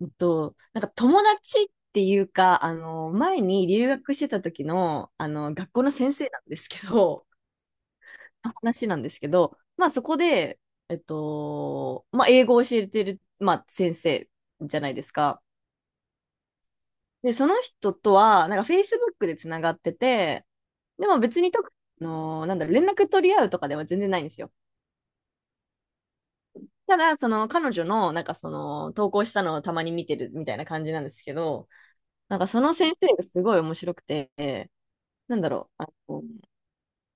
うんと、なんか友達っていうか、前に留学してた時の、学校の先生なんですけど、の話なんですけど、まあそこで、まあ英語を教えてる、まあ先生じゃないですか。で、その人とは、なんか Facebook でつながってて、でも別に特に、なんだろう、連絡取り合うとかでは全然ないんですよ。ただ、その彼女の、なんかその、投稿したのをたまに見てるみたいな感じなんですけど、なんかその先生がすごい面白くて、なんだろう。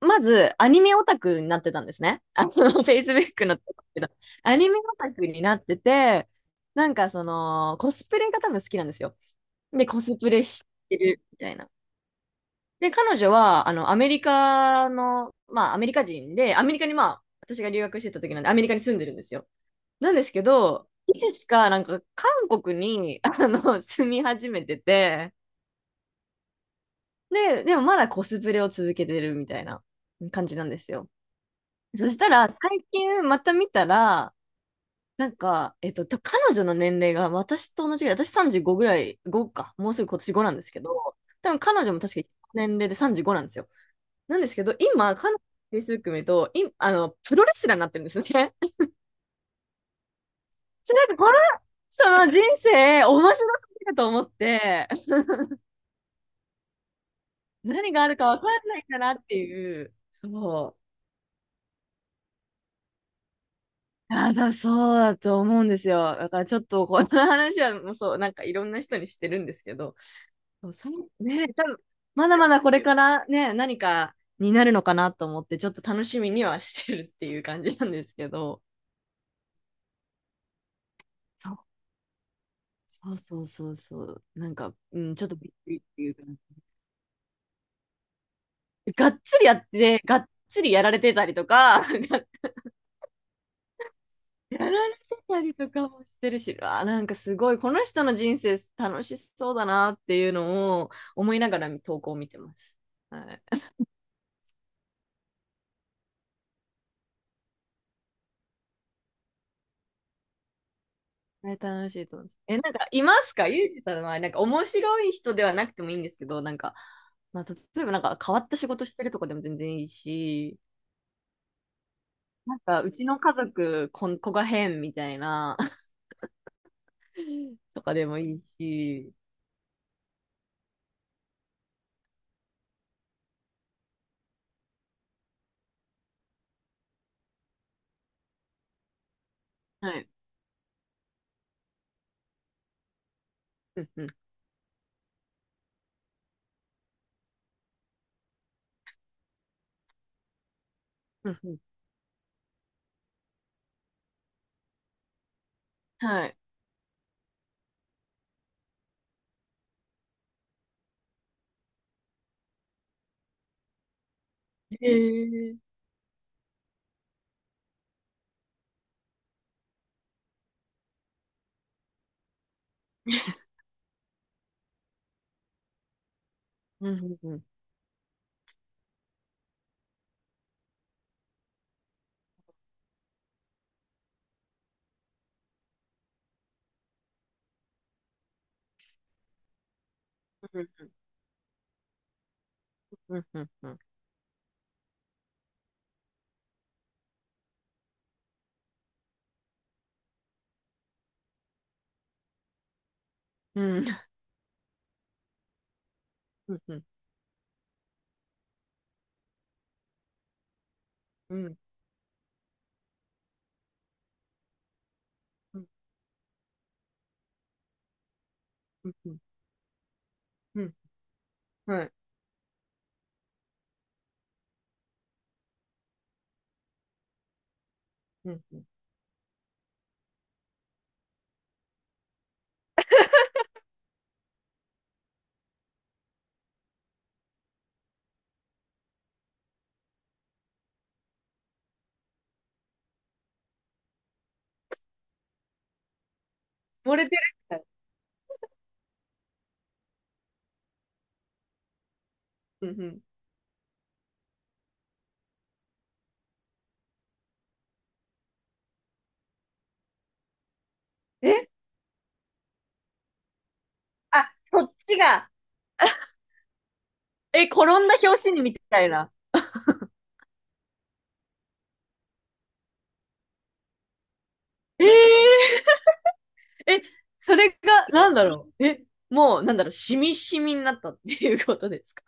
まず、アニメオタクになってたんですね。Facebook のところでアニメオタクになってて、なんかその、コスプレが多分好きなんですよ。で、コスプレしてるみたいな。で、彼女は、アメリカの、まあ、アメリカ人で、アメリカにまあ、私が留学してた時なんで、アメリカに住んでるんですよ。なんですけど、いつしか、なんか、韓国に、住み始めてて、で、でもまだコスプレを続けてるみたいな感じなんですよ。そしたら、最近また見たら、なんか、彼女の年齢が私と同じぐらい、私35ぐらい、5か、もうすぐ今年5なんですけど、多分彼女も確か年齢で35なんですよ。なんですけど、今、彼女の Facebook 見ると、い、あの、プロレスラーになってるんですね。なんかこの、その人生、面白すぎると思って、何があるか分かんないんだなっていう、そう。そうだと思うんですよ。だからちょっとこの話はもうそう、なんかいろんな人にしてるんですけど、そう、さんね、多分まだまだこれからね、何かになるのかなと思って、ちょっと楽しみにはしてるっていう感じなんですけど、そう、そうそうそうそう、なんか、うん、ちょっとびっくりっていうか、がっつりやって、がっつりやられてたりとか、がやられてたりとかもしてるし、あ、なんかすごい、この人の人生楽しそうだなっていうのを思いながら投稿を見てます。はい、あれ楽しいと思うんす。え、なんか、いますかユージさんは、なんか、面白い人ではなくてもいいんですけど、なんか、まあ、例えば、なんか、変わった仕事してるとかでも全然いいし、なんか、うちの家族、子が変みたいな、とかでもいいし、はい。うんうん。うんうん。はい。へえ。うんうんうん。うんうんうん。うん。うんうんうん。うん。うん。うん。うん。はい。うんうん。漏れてる。うんうん。え、あ、そっちが。え、転んだ拍子にみたいな。えー、え、それが、なんだろう。え、もう、なんだろう、しみしみになったっていうことですか。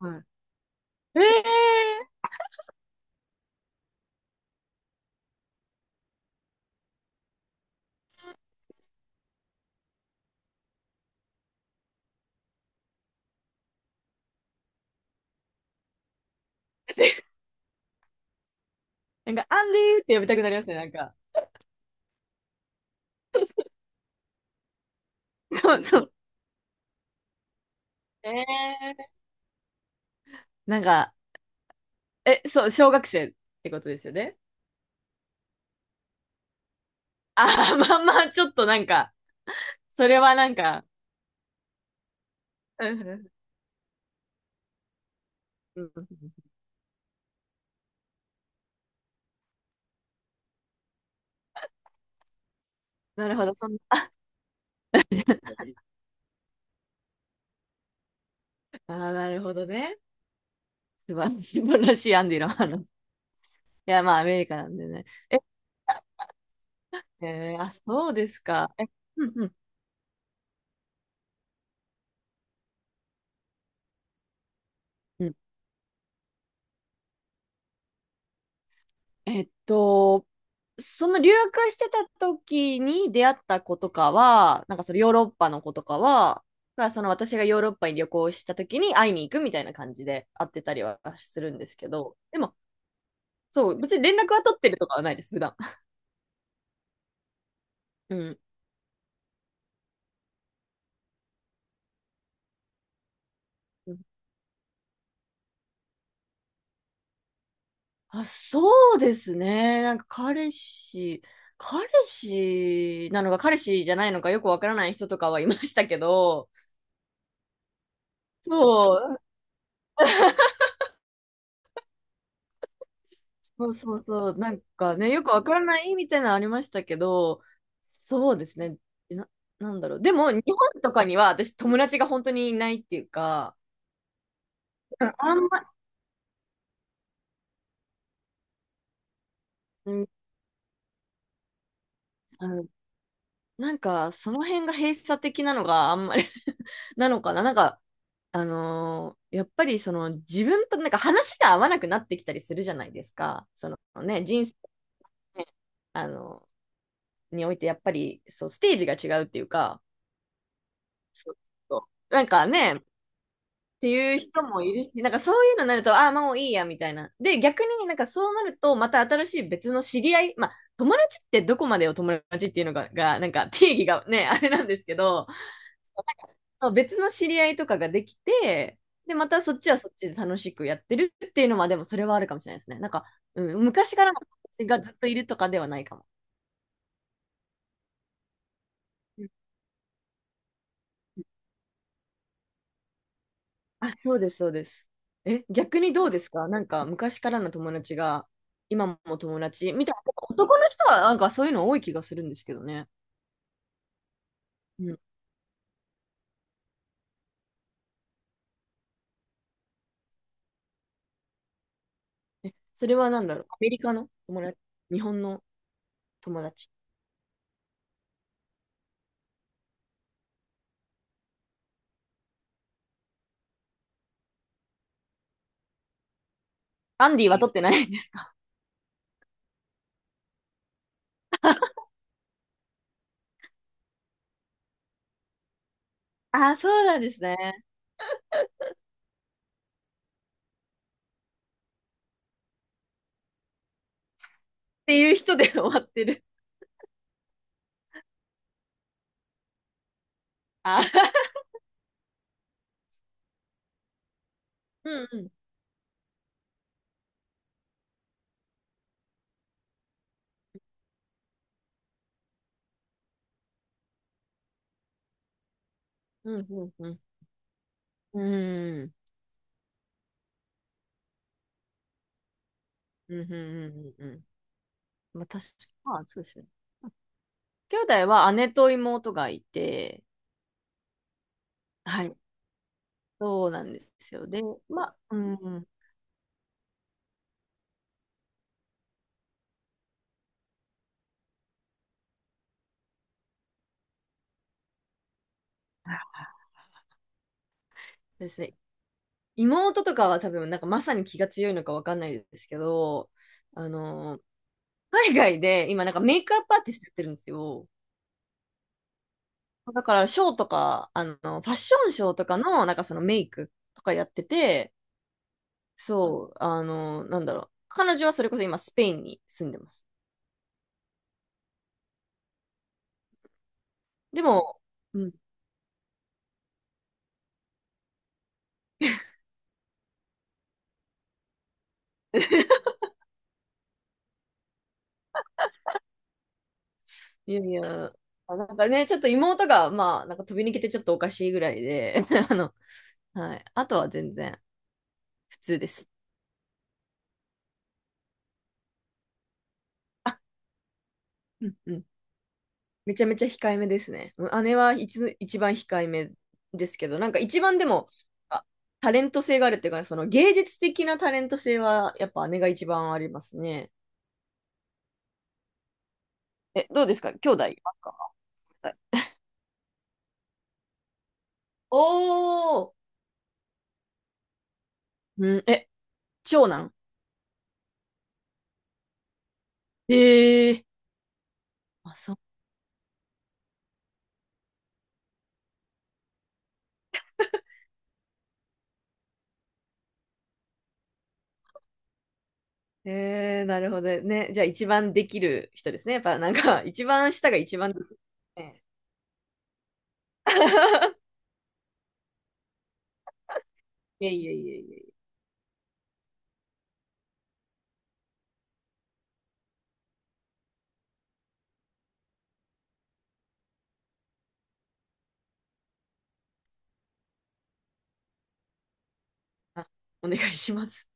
はい。えー、なんか、アンディーって呼びたくなりますね、なんか。そうそう。えー、なんか、え、そう、小学生ってことですよね。ああまあまあ、ちょっとなんか、それはなんか、うんうんうんうん、なるほど、そんな。ああなるほどね。素晴らしい、素晴らしいアンディの話。いや、まあ、アメリカなんでね。えー、あ、そうですか。え、うんうんうん。えっと、その留学してた時に出会った子とかは、なんかそのヨーロッパの子とかは、その私がヨーロッパに旅行した時に会いに行くみたいな感じで会ってたりはするんですけど、でも、そう、別に連絡は取ってるとかはないです、普段。うん。あ、そうですね。なんか彼氏、彼氏なのか彼氏じゃないのかよくわからない人とかはいましたけど、うそう、そうそうそう、なんかね、よくわからないみたいなのありましたけど、そうですね、な、なんだろう、でも日本とかには私、友達が本当にいないっていうか、うんあんま、うん、あのなんかその辺が閉鎖的なのがあんまり なのかな、なんか、あのーやっぱりその自分となんか話が合わなくなってきたりするじゃないですか、そのね、人生、ね、あのにおいてやっぱりそうステージが違うっていうか、そうそうなんかね、っていう人もいるし、なんかそういうのになると、ああ、もういいや、みたいな。で、逆になんかそうなると、また新しい別の知り合い、まあ、友達ってどこまでを友達っていうのが、なんか定義がね、あれなんですけど、なんかそう別の知り合いとかができて、で、またそっちはそっちで楽しくやってるっていうのは、でもそれはあるかもしれないですね。なんか、うん、昔からの友達がずっといるとかではないかも。うん、あ、そうです、そうです。え、逆にどうですかなんか昔からの友達が今も友達みたいな、男の人はなんかそういうの多い気がするんですけどね。うん。それはなんだろう。アメリカの友達、日本の友達。アンディは取ってないです。あ、そうなんですね。っていう人で終わってる。あ、うんうん。うんうんうん。うん。うんうんうんうんうん。まあ確か、まあそうですね。兄弟は姉と妹がいて、はい。そうなんですよ。で、まあ、うん。ですね。妹とかは多分、なんかまさに気が強いのかわかんないですけど、あの、海外で今なんかメイクアップアーティストやってるんですよ。だからショーとか、ファッションショーとかのなんかそのメイクとかやってて、そう、なんだろう。彼女はそれこそ今スペインに住んでます。でも、うん。いやいや、あなんかね、ちょっと妹が、まあ、なんか飛び抜けてちょっとおかしいぐらいで、あの、はい。あとは全然普通です。あ、うんうん。めちゃめちゃ控えめですね。姉は一番控えめですけど、なんか一番でも、あタレント性があるっていうかね、その芸術的なタレント性は、やっぱ姉が一番ありますね。え、どうですか兄弟いますか。おおー、うん、え、長男。ええ、あ、そう。えー、なるほどね。じゃあ一番できる人ですね。やっぱなんか、一番下が一番できるね。いえいえいえいえ。あ、お願いします。